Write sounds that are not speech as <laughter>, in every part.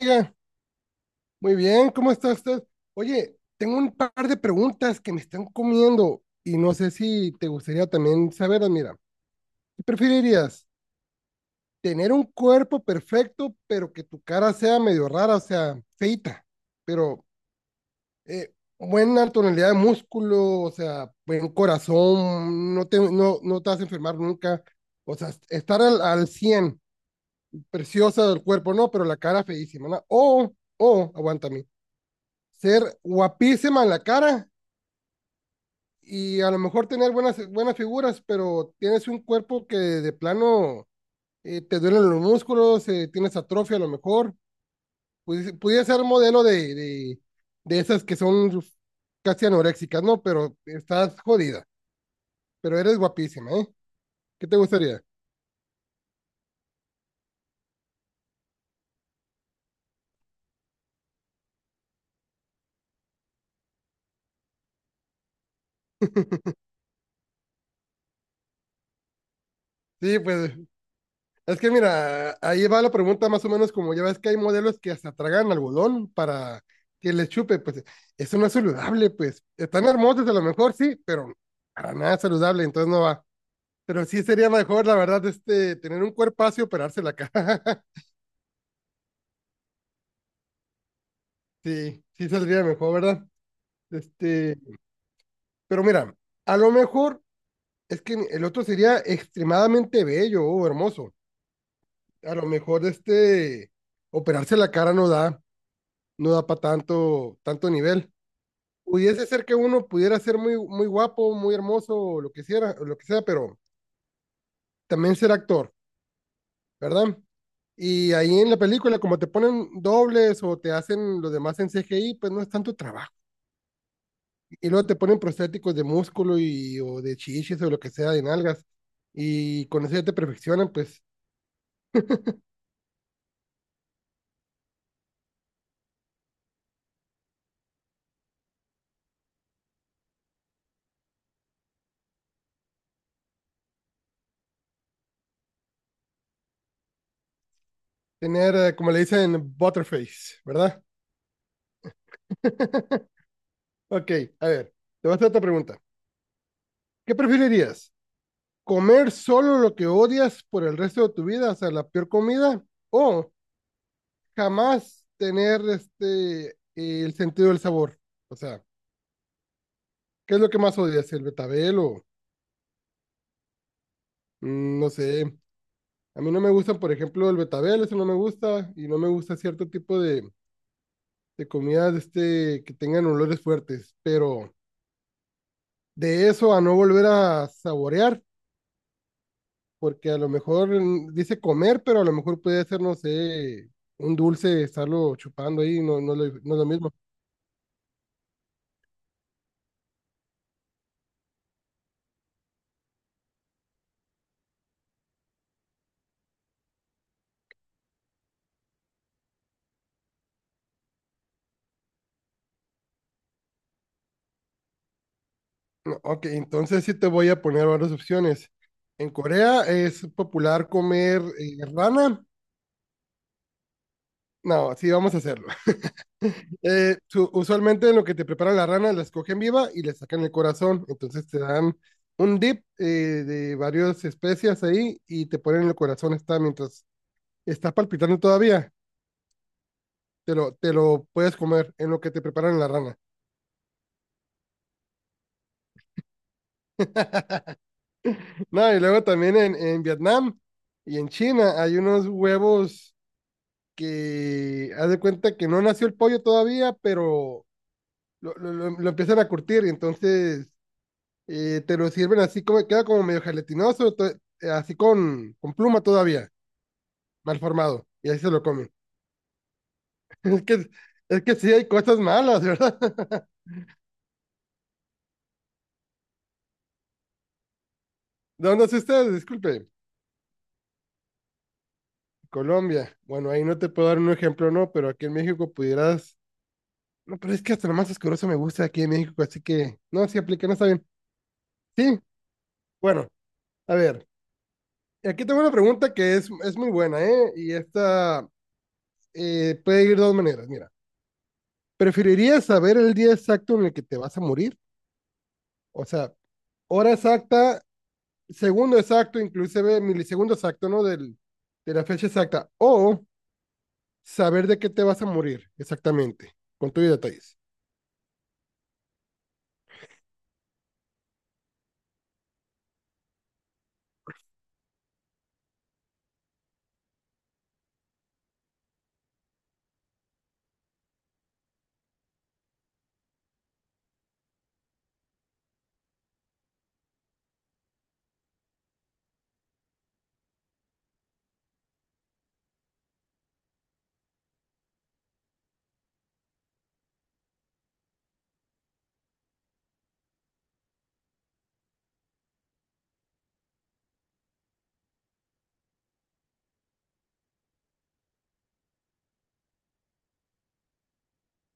Oiga, muy bien, ¿cómo está usted? Oye, tengo un par de preguntas que me están comiendo y no sé si te gustaría también saberlas. Mira, ¿qué preferirías? ¿Tener un cuerpo perfecto, pero que tu cara sea medio rara, o sea, feita, pero eh, buena tonalidad de músculo, o sea, buen corazón, no te vas a enfermar nunca? O sea, estar al 100, preciosa del cuerpo, no, pero la cara feísima, ¿no? O, aguántame ser guapísima en la cara y a lo mejor tener buenas figuras, pero tienes un cuerpo que de plano te duelen los músculos, tienes atrofia a lo mejor. Pudiera ser modelo de esas que son casi anoréxicas, ¿no? Pero estás jodida, pero eres guapísima, ¿eh? ¿Qué te gustaría? Sí, pues es que mira, ahí va la pregunta más o menos como ya ves que hay modelos que hasta tragan algodón para que les chupe, pues eso no es saludable, pues están hermosos a lo mejor sí, pero para nada saludable, entonces no va. Pero sí sería mejor, la verdad, tener un cuerpazo y operarse la cara. <laughs> Sí, sí saldría mejor, ¿verdad? Este, pero mira, a lo mejor es que el otro sería extremadamente bello o hermoso. A lo mejor operarse la cara no da, no da para tanto, tanto nivel. Pudiese ser que uno pudiera ser muy guapo, muy hermoso, o lo que sea, pero también ser actor, ¿verdad? Y ahí en la película, como te ponen dobles o te hacen los demás en CGI, pues no es tanto trabajo. Y luego te ponen prostéticos de músculo o de chichis o lo que sea, de nalgas. Y con eso ya te perfeccionan, pues tener, como le dicen, butterface, ¿verdad? <laughs> Ok, a ver, te voy a hacer otra pregunta. ¿Qué preferirías? Comer solo lo que odias por el resto de tu vida, o sea, la peor comida, o jamás tener el sentido del sabor. O sea, ¿qué es lo que más odias? ¿El betabel o no sé? A mí no me gustan, por ejemplo, el betabel, eso no me gusta, y no me gusta cierto tipo de comidas de que tengan olores fuertes, pero de eso a no volver a saborear, porque a lo mejor dice comer, pero a lo mejor puede ser, no sé, un dulce, estarlo chupando ahí, no es lo mismo. No, ok, entonces sí te voy a poner varias opciones. En Corea es popular comer rana. No, sí, vamos a hacerlo. <laughs> Usualmente en lo que te preparan la rana, la escogen viva y le sacan el corazón. Entonces te dan un dip de varias especias ahí y te ponen el corazón está mientras está palpitando todavía. Te lo puedes comer en lo que te preparan la rana. No, y luego también en Vietnam y en China hay unos huevos que haz de cuenta que no nació el pollo todavía, pero lo empiezan a curtir y entonces te lo sirven así como, queda como medio gelatinoso, así con pluma todavía, mal formado, y ahí se lo comen. <laughs> Es que, es que sí hay cosas malas, ¿verdad? <laughs> ¿De dónde es usted? Disculpe. Colombia. Bueno, ahí no te puedo dar un ejemplo, no, pero aquí en México pudieras. No, pero es que hasta lo más asqueroso me gusta aquí en México, así que no, sí aplica, no está bien. Sí, bueno, a ver, aquí tengo una pregunta que es muy buena, ¿eh? Y esta puede ir de dos maneras, mira. ¿Preferirías saber el día exacto en el que te vas a morir? O sea, hora exacta, segundo exacto, inclusive milisegundo exacto, ¿no? De la fecha exacta. O saber de qué te vas a morir exactamente, con tus detalles.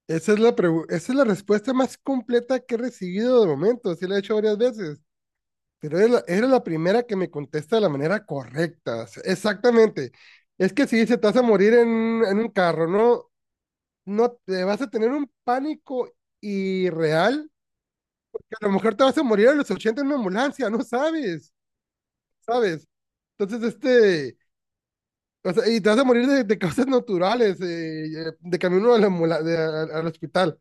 Esa es esa es la respuesta más completa que he recibido de momento, sí la he hecho varias veces. Pero era la primera que me contesta de la manera correcta. O sea, exactamente. Es que si se te vas a morir en un carro, ¿no? No te vas a tener un pánico irreal, que a lo mejor te vas a morir a los 80 en una ambulancia, no sabes, ¿sabes? Entonces, o sea, y te vas a morir de causas naturales, de camino a al hospital.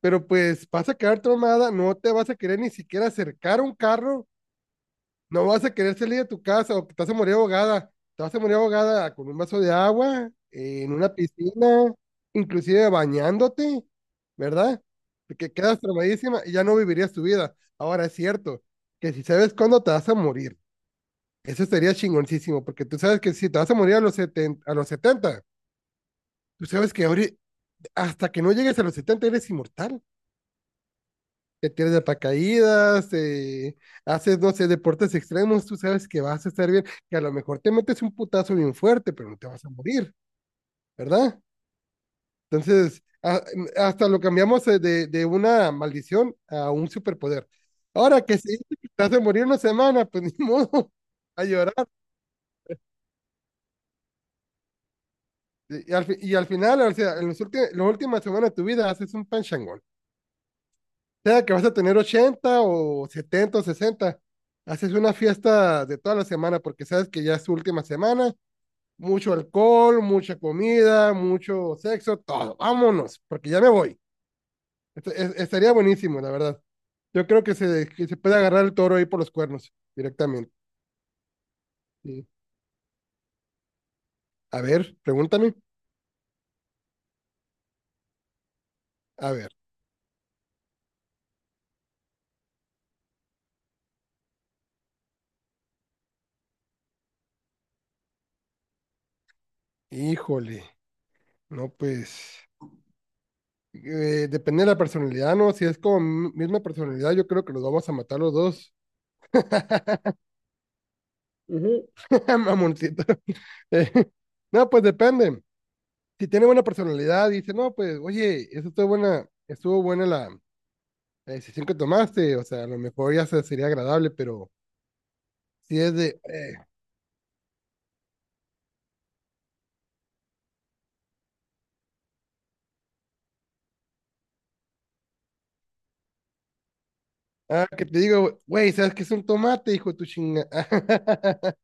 Pero pues vas a quedar traumada, no te vas a querer ni siquiera acercar a un carro. No vas a querer salir de tu casa o que te vas a morir ahogada. Te vas a morir ahogada con un vaso de agua, en una piscina, inclusive bañándote, ¿verdad? Porque quedas traumadísima y ya no vivirías tu vida. Ahora es cierto que si sabes cuándo te vas a morir, eso sería chingoncísimo, porque tú sabes que si te vas a morir a los 70 tú sabes que ahorita, hasta que no llegues a los 70 eres inmortal. Te tiras de paracaídas, haces, no sé, deportes extremos, tú sabes que vas a estar bien, que a lo mejor te metes un putazo bien fuerte, pero no te vas a morir, ¿verdad? Entonces, hasta lo cambiamos de una maldición a un superpoder. Ahora que si te vas a morir una semana, pues ni modo, <laughs> a llorar. Y al final, o sea, en las últimas semanas de tu vida haces un panchangón. Sea que vas a tener 80 o 70 o 60 haces una fiesta de toda la semana porque sabes que ya es su última semana, mucho alcohol, mucha comida, mucho sexo, todo. Vámonos, porque ya me voy. Estaría buenísimo, la verdad. Yo creo que se puede agarrar el toro ahí por los cuernos directamente. Sí. A ver, pregúntame. A ver, híjole, no pues. Depende de la personalidad, ¿no? Si es como misma personalidad, yo creo que los vamos a matar los dos. <laughs> Ujú. Mamoncito. Eh, <laughs> no, pues depende. Si tiene buena personalidad, dice, no, pues, oye, eso estuvo buena la decisión que tomaste, o sea, a lo mejor ya sería agradable, pero si es de, ah, que te digo, güey, ¿sabes qué es un tomate, hijo de tu chinga? <laughs>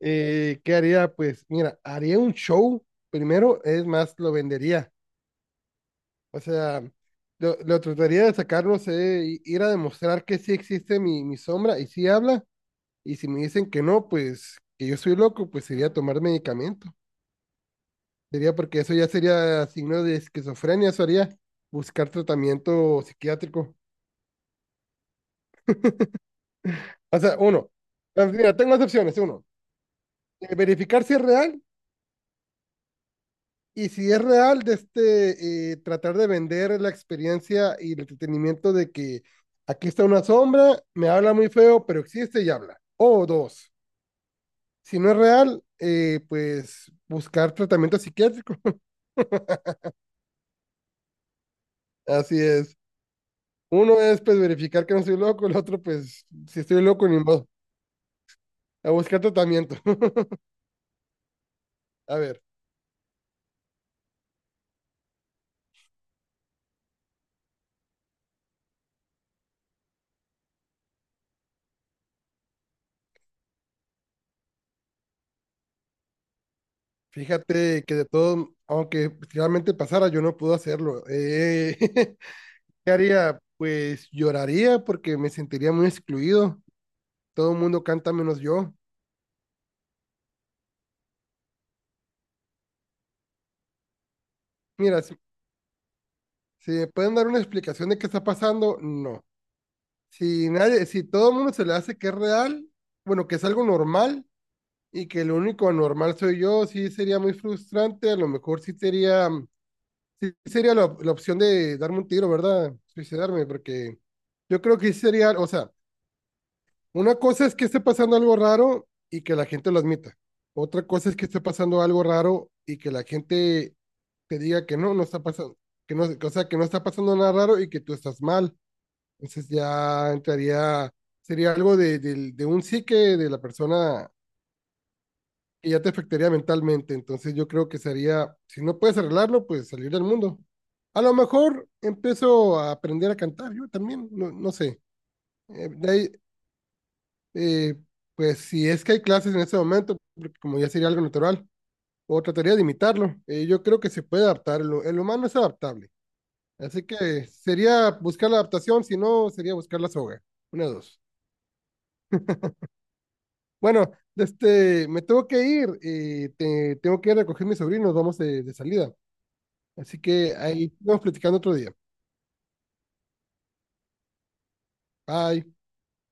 ¿Qué haría? Pues, mira, haría un show primero, es más, lo vendería, o sea, lo trataría de sacar, no sé, ir a demostrar que sí existe mi sombra y sí habla. Y si me dicen que no, pues que yo soy loco, pues sería tomar medicamento. Sería porque eso ya sería signo de esquizofrenia, eso haría buscar tratamiento psiquiátrico. O sea, uno, pues, mira, tengo dos opciones. Uno, verificar si es real y si es real, tratar de vender la experiencia y el entretenimiento de que aquí está una sombra, me habla muy feo, pero existe y habla. O dos, si no es real, pues buscar tratamiento psiquiátrico. <laughs> Así es. Uno es pues verificar que no estoy loco, el otro pues si estoy loco ni modo, a buscar tratamiento. <laughs> A ver, fíjate que de todo, aunque si realmente pasara, yo no puedo hacerlo. <laughs> ¿Qué haría? Pues lloraría porque me sentiría muy excluido. Todo el mundo canta menos yo. Mira, si me pueden dar una explicación de qué está pasando, no. Si todo el mundo se le hace que es real, bueno, que es algo normal y que lo único anormal soy yo, sí sería muy frustrante, a lo mejor sí sería. Sí, sería la opción de darme un tiro, ¿verdad? Suicidarme, porque yo creo que sí sería, o sea, una cosa es que esté pasando algo raro y que la gente lo admita. Otra cosa es que esté pasando algo raro y que la gente te diga que no, no está pasando, que no, o sea, que no está pasando nada raro y que tú estás mal. Entonces ya entraría, sería algo de un psique de la persona y ya te afectaría mentalmente. Entonces yo creo que sería, si no puedes arreglarlo, pues salir del mundo. A lo mejor empiezo a aprender a cantar, yo también, no, no sé. Eh, de ahí, eh, pues si es que hay clases en ese momento, porque como ya sería algo natural, o trataría de imitarlo. Yo creo que se puede adaptar, el humano es adaptable. Así que sería buscar la adaptación, si no, sería buscar la soga. Una, de dos. Bueno, me tengo que ir, tengo que ir a recoger a mis sobrinos, vamos de salida. Así que ahí vamos platicando otro día. Bye.